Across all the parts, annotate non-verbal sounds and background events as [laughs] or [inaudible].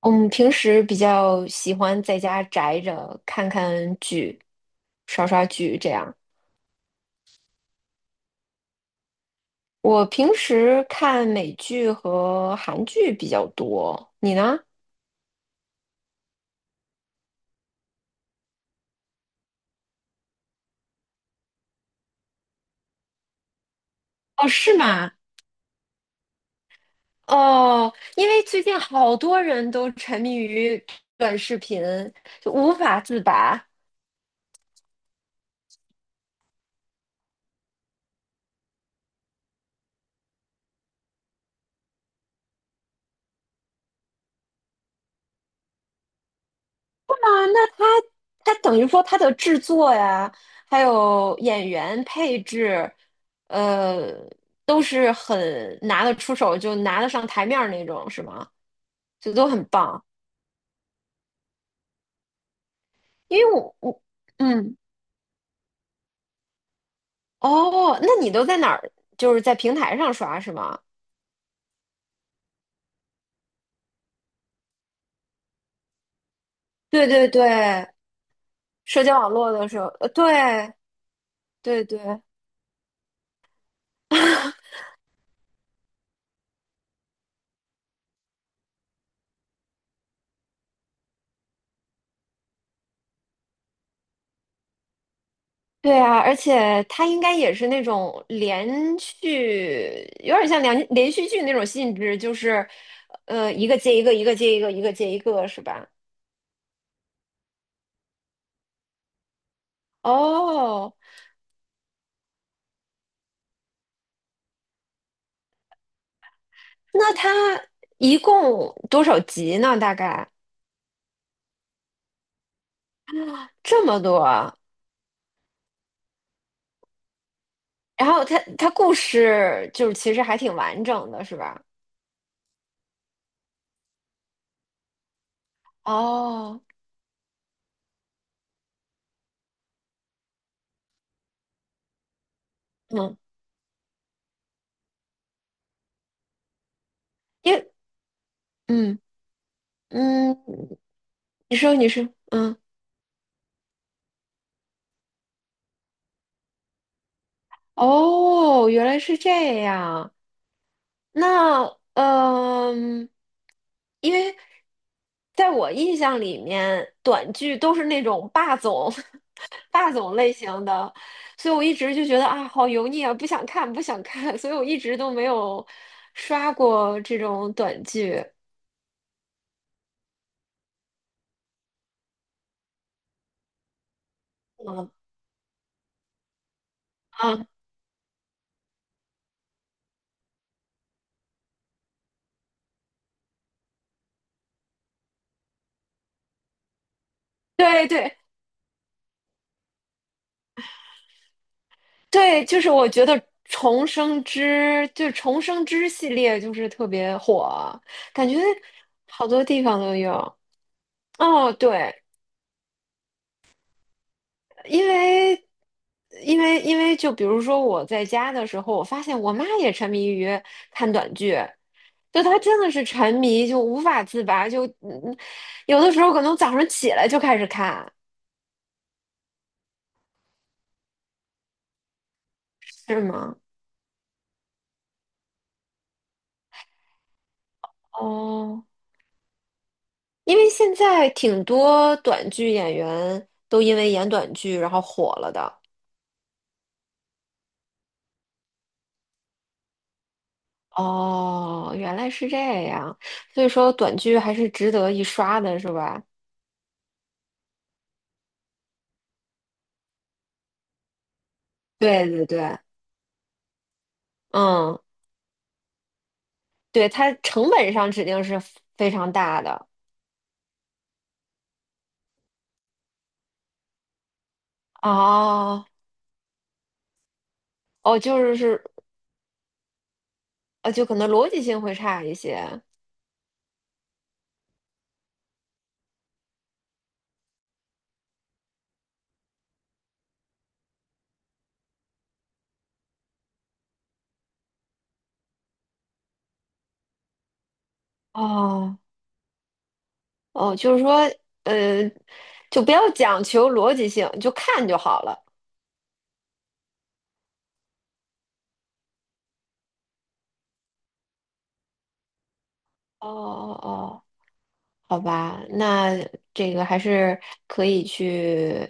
我们平时比较喜欢在家宅着，看看剧，刷刷剧这样。我平时看美剧和韩剧比较多，你呢？哦，是吗？哦，因为最近好多人都沉迷于短视频，就无法自拔。啊，那它等于说它的制作呀，还有演员配置，呃，都是很拿得出手，就拿得上台面儿那种，是吗？就都很棒。因为我。嗯。哦，那你都在哪儿？就是在平台上刷是吗？对对对，社交网络的时候，对对对，[laughs] 对啊，而且它应该也是那种连续，有点像连续剧那种性质，就是，一个接一个，一个接一个，一个接一个，是吧？哦，那它一共多少集呢？大概这么多啊。然后它故事就是其实还挺完整的，是吧？哦，嗯，因为，嗯嗯，你说你说，嗯，哦，原来是这样。那因为在我印象里面，短剧都是那种霸总 [laughs] 霸总类型的，所以我一直就觉得啊，好油腻啊，不想看，不想看，[laughs] 所以我一直都没有刷过这种短剧。嗯啊，对对对，就是我觉得《重生之》就《重生之》系列就是特别火，感觉好多地方都有。哦，对。因为因为就比如说我在家的时候，我发现我妈也沉迷于看短剧，就她真的是沉迷，就无法自拔，就有的时候可能早上起来就开始看，是吗？哦，因为现在挺多短剧演员都因为演短剧然后火了的。哦，原来是这样，所以说短剧还是值得一刷的，是吧？对对对，嗯。对，它成本上指定是非常大的。哦哦，就是就可能逻辑性会差一些。哦哦，就是说，呃，就不要讲求逻辑性，就看就好了。哦哦哦。好吧，那这个还是可以去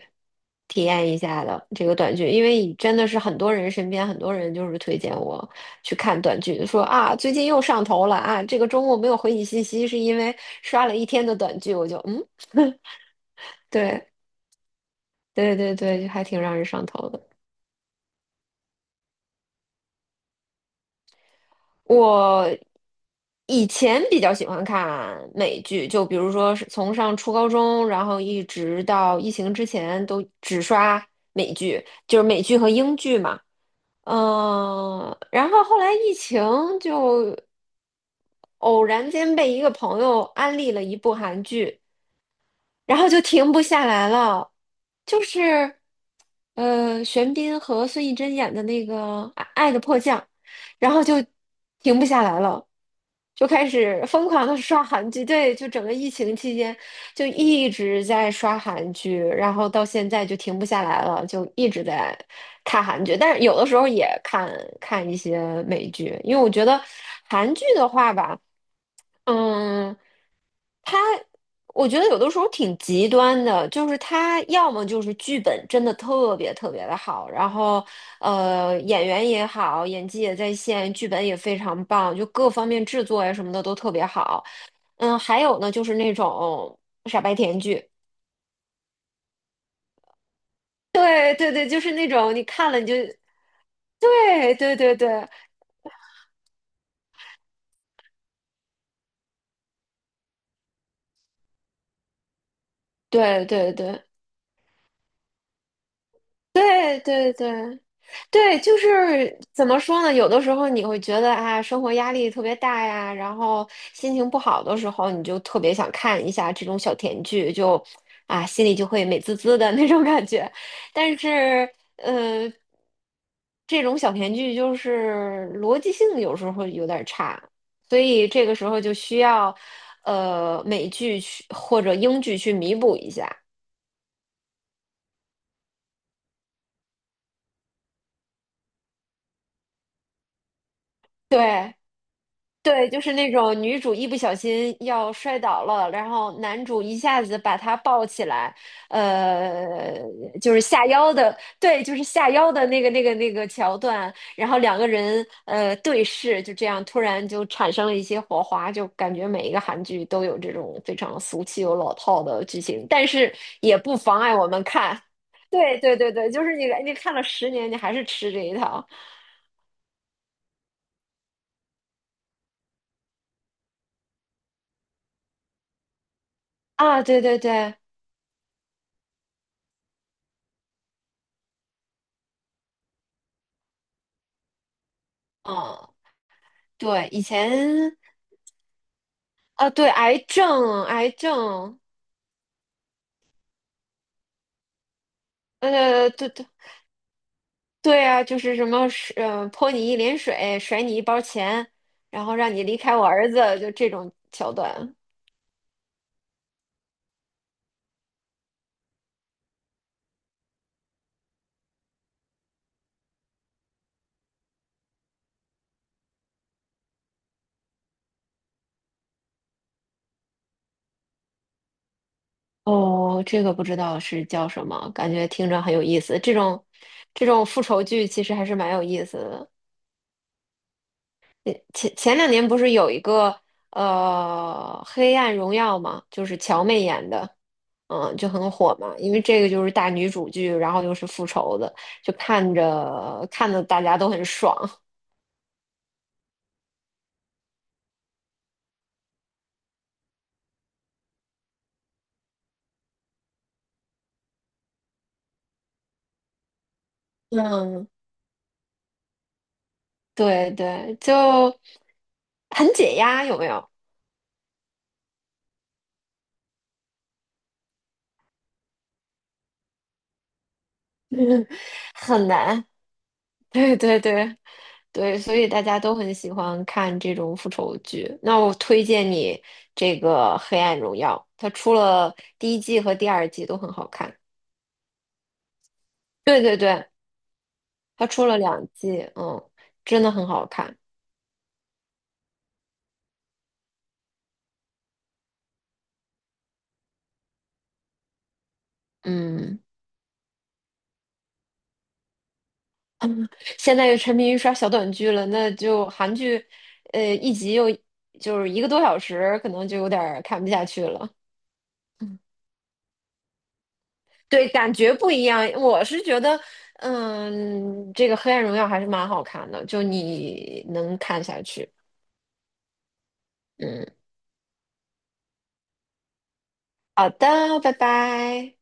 体验一下的这个短剧，因为真的是很多人身边很多人就是推荐我去看短剧，说啊最近又上头了啊，这个周末没有回你信息是因为刷了一天的短剧，我就嗯，对对对对，就还挺让人上头的。我以前比较喜欢看美剧，就比如说是从上初高中，然后一直到疫情之前，都只刷美剧，就是美剧和英剧嘛。嗯，然后后来疫情就偶然间被一个朋友安利了一部韩剧，然后就停不下来了，就是玄彬和孙艺珍演的那个《爱的迫降》，然后就停不下来了。就开始疯狂的刷韩剧，对，就整个疫情期间就一直在刷韩剧，然后到现在就停不下来了，就一直在看韩剧，但是有的时候也看看一些美剧，因为我觉得韩剧的话吧。嗯。我觉得有的时候挺极端的，就是他要么就是剧本真的特别特别的好，然后演员也好，演技也在线，剧本也非常棒，就各方面制作呀什么的都特别好。嗯，还有呢就是那种傻白甜剧，对对对，就是那种你看了你就对对对对对对对对对对。对，就是怎么说呢？有的时候你会觉得啊，生活压力特别大呀，然后心情不好的时候，你就特别想看一下这种小甜剧，就啊，心里就会美滋滋的那种感觉。但是，呃，这种小甜剧就是逻辑性有时候会有点儿差，所以这个时候就需要美剧去或者英剧去弥补一下。对。对，就是那种女主一不小心要摔倒了，然后男主一下子把她抱起来，呃，就是下腰的，对，就是下腰的那个桥段，然后两个人对视，就这样突然就产生了一些火花，就感觉每一个韩剧都有这种非常俗气又老套的剧情，但是也不妨碍我们看。对对对对，就是你看了10年，你还是吃这一套啊！对对对。嗯，对，以前啊，对，癌症，癌症，对对对啊，就是什么是，泼你一脸水，甩你一包钱，然后让你离开我儿子，就这种桥段。哦，这个不知道是叫什么，感觉听着很有意思。这种复仇剧其实还是蛮有意思的。前2年不是有一个《黑暗荣耀》嘛，就是乔妹演的，嗯，就很火嘛。因为这个就是大女主剧，然后又是复仇的，就看着看的大家都很爽。嗯，[laughs] 对对，就很解压，有没有？[laughs] 很难，[laughs] 对对对。对，所以大家都很喜欢看这种复仇剧。那我推荐你这个《黑暗荣耀》，它出了第一季和第二季都很好看。对对对，它出了2季，嗯，真的很好看。嗯，现在又沉迷于刷小短剧了，那就韩剧，一集又就是一个多小时，可能就有点儿看不下去了。嗯，对，感觉不一样。我是觉得，嗯，这个《黑暗荣耀》还是蛮好看的，就你能看下去。嗯，好的，拜拜。